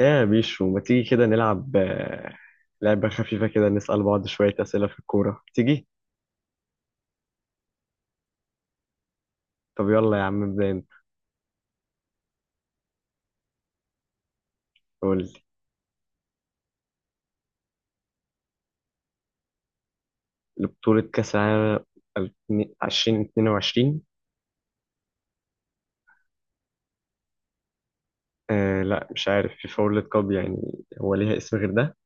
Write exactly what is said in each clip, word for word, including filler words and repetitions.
ايه يا بيشو، ما تيجي كده نلعب آه، لعبة خفيفة كده نسأل بعض شوية أسئلة في الكورة، تيجي؟ طب يلا يا عم ابدأ انت. قول لي بطولة كأس العالم ألفين واتنين وعشرين. آه لا، مش عارف. فيفا وورلد كاب يعني. هو ليها اسم غير ده؟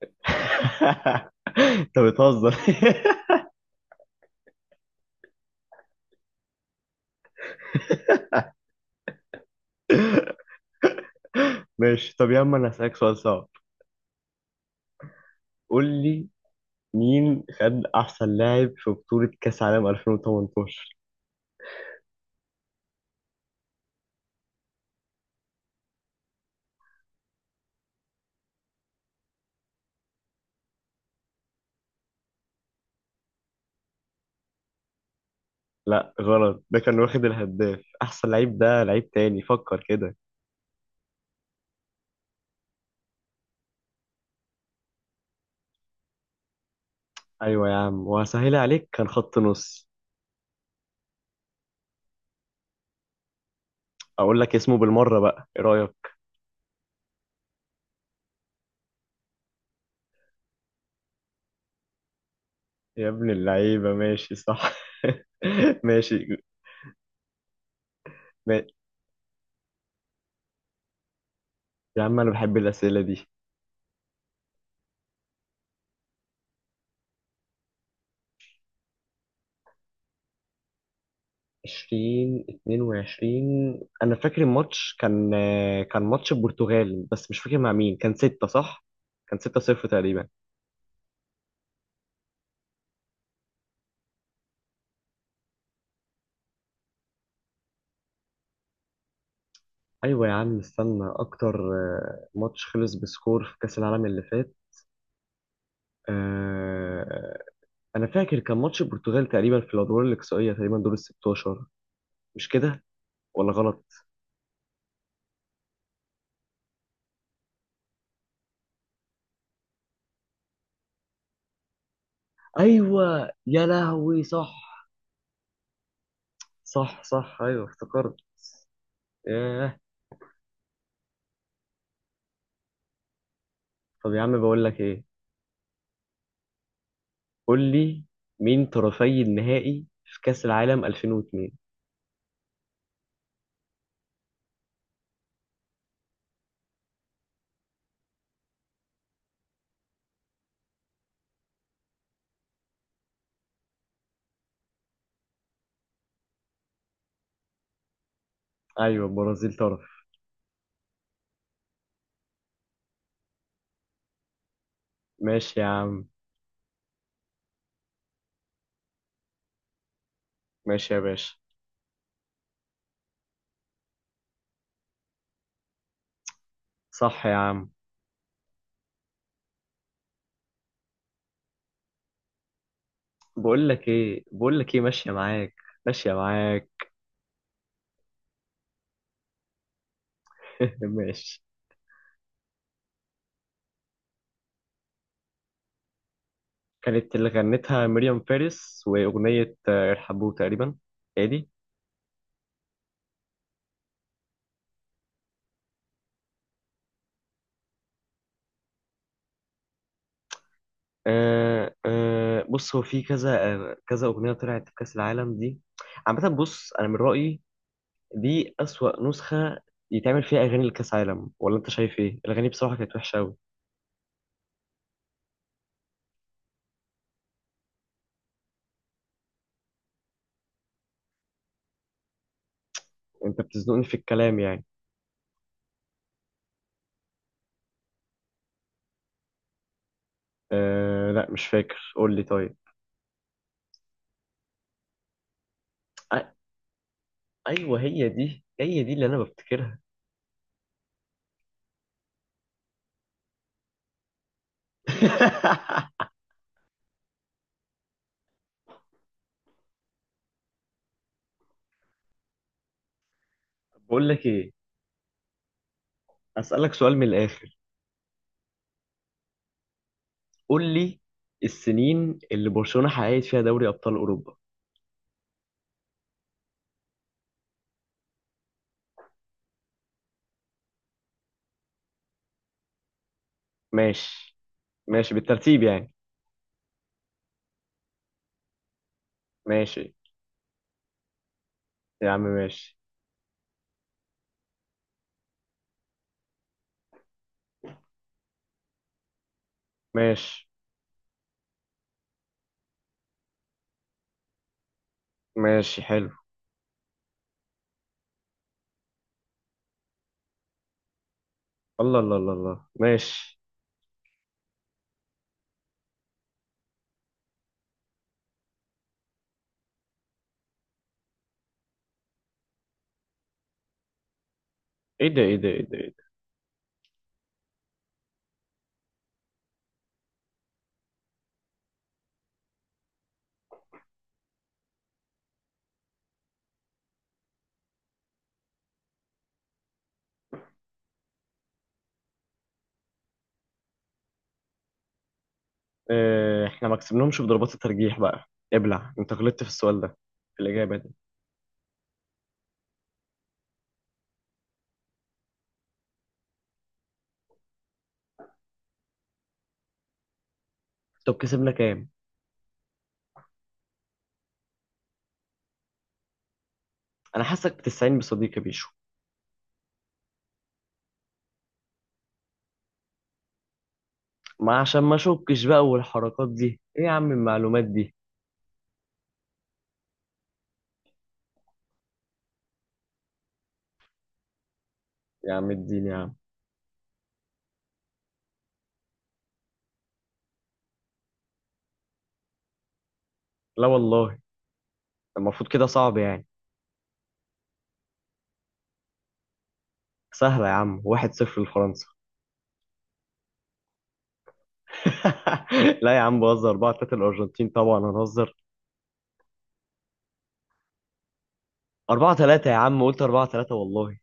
انت بتهزر. ماشي. طب يا عم، انا هسألك سؤال صعب. قول لي، مين خد أحسن لاعب في بطولة كأس العالم ألفين وتمنتاشر؟ لا غلط، ده كان واخد الهداف. احسن لعيب، ده لعيب تاني، فكر كده. ايوه يا عم، وهسهلها عليك، كان خط نص. اقول لك اسمه بالمره بقى، ايه رايك؟ يا ابن اللعيبه، ماشي صح. ماشي. ما... يا عم انا بحب الاسئله دي. ألفين واتنين وعشرين، انا فاكر الماتش كان كان ماتش البرتغال بس مش فاكر مع مين. كان ستة صح؟ كان ستة صفر تقريبا. ايوه يا عم، استنى اكتر. آه، ماتش خلص بسكور في كاس العالم اللي فات. آه، انا فاكر كان ماتش البرتغال تقريبا، في الادوار الاقصائيه تقريبا، دور ال ستة عشر، مش كده ولا غلط؟ ايوه يا لهوي، صح صح صح، ايوه افتكرت. ياه. طب يا عم، بقول لك ايه، قول لي، مين طرفي النهائي في كاس العالم ألفين واتنين؟ ايوه، البرازيل طرف. ماشي يا عم. ماشي يا باشا. صح يا عم. بقول لك ايه، بقول لك ايه، ماشيه معاك ماشيه معاك. ماشي. كانت اللي غنتها مريم فارس، وأغنية آه، إرحبوا تقريبا. ادي. آه آه، بص، هو في كذا آه، كذا أغنية طلعت في كأس العالم دي. عامة بص، أنا من رأيي دي أسوأ نسخة يتعمل فيها أغاني لكأس عالم. ولا أنت شايف إيه؟ الأغاني بصراحة كانت وحشة أوي. أنت بتزنقني في الكلام يعني. آه لا، مش فاكر، قول لي طيب. أ- أيوه، هي دي هي دي اللي أنا بفتكرها. بقول لك إيه، أسألك سؤال من الآخر. قول لي، السنين اللي برشلونة حققت فيها دوري أبطال أوروبا. ماشي، ماشي بالترتيب يعني. ماشي يا عم، ماشي، ماشي، ماشي حلو. الله الله الله الله، ماشي. ايه ده، ايه ده، ايه ده، إيه ده؟ اه، احنا ما كسبناهمش بضربات الترجيح بقى. ابلع، انت غلطت في السؤال ده، في الإجابة دي. طب كسبنا كام؟ أنا حاسك بتستعين بصديقي بيشو. ما عشان ما أشكش بقى، والحركات دي ايه يا عم، المعلومات دي يا عم الدين يا عم. لا والله، المفروض كده صعب يعني. سهلة يا عم، واحد صفر لفرنسا. لا يا عم بهزر، ربعة تلاتة الارجنتين طبعا، هنهزر ربعة تلاتة يا عم، قلت ربعة تلاتة والله.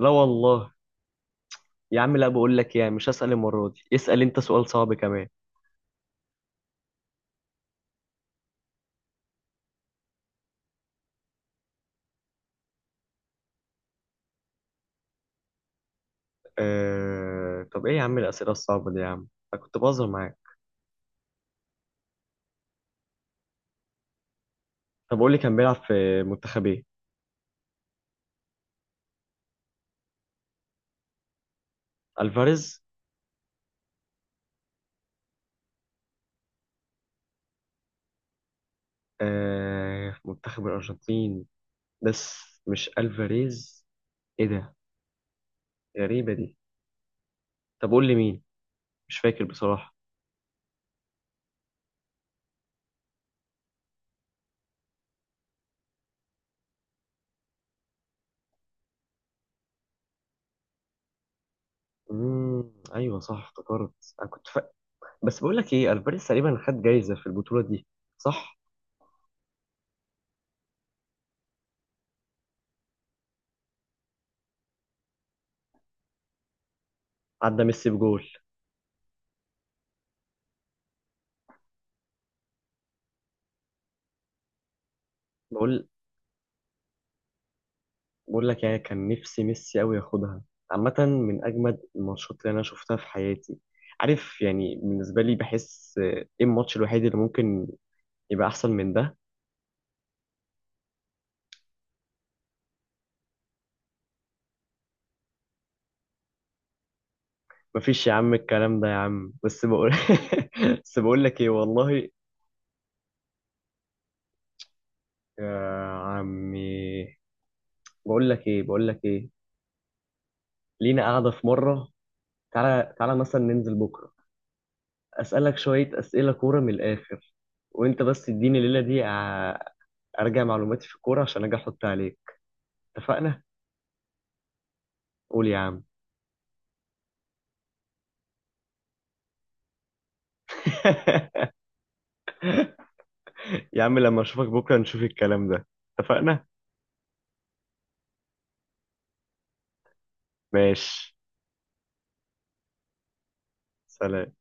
لا والله يا عم، لا، بقول لك يعني مش هسأل المرة دي. اسأل انت سؤال صعب كمان. أه... طب ايه يا عم الأسئلة الصعبة دي يا عم؟ انا كنت بهزر معاك. طب قول لي، كان بيلعب في منتخب ايه؟ الفاريز. أه... في منتخب الارجنتين بس مش الفاريز؟ ايه ده، غريبة دي. طب قول لي مين، مش فاكر بصراحة. امم ايوه صح افتكرت. انا كنت، بس بقول لك ايه، الفاريز تقريبا خد جايزه في البطوله دي صح؟ عدى ميسي بجول. بقول بقول لك يعني كان نفسي ميسي قوي ياخدها. عامه، من اجمد الماتشات اللي انا شفتها في حياتي. عارف يعني، بالنسبه لي بحس آه، ايه الماتش الوحيد اللي ممكن يبقى احسن من ده. مفيش يا عم الكلام ده يا عم، بس بقول. بس بقول لك ايه والله. يا عمي، بقول لك ايه، بقول لك ايه، لينا قاعده في مره، تعالى تعالى مثلا ننزل بكره، أسألك شوية أسئلة كورة من الآخر، وأنت بس تديني الليلة دي ع- أرجع معلوماتي في الكورة عشان أجي أحط عليك. اتفقنا؟ قول يا عم. يا عم لما أشوفك بكرة نشوف الكلام ده. اتفقنا؟ ماشي. سلام.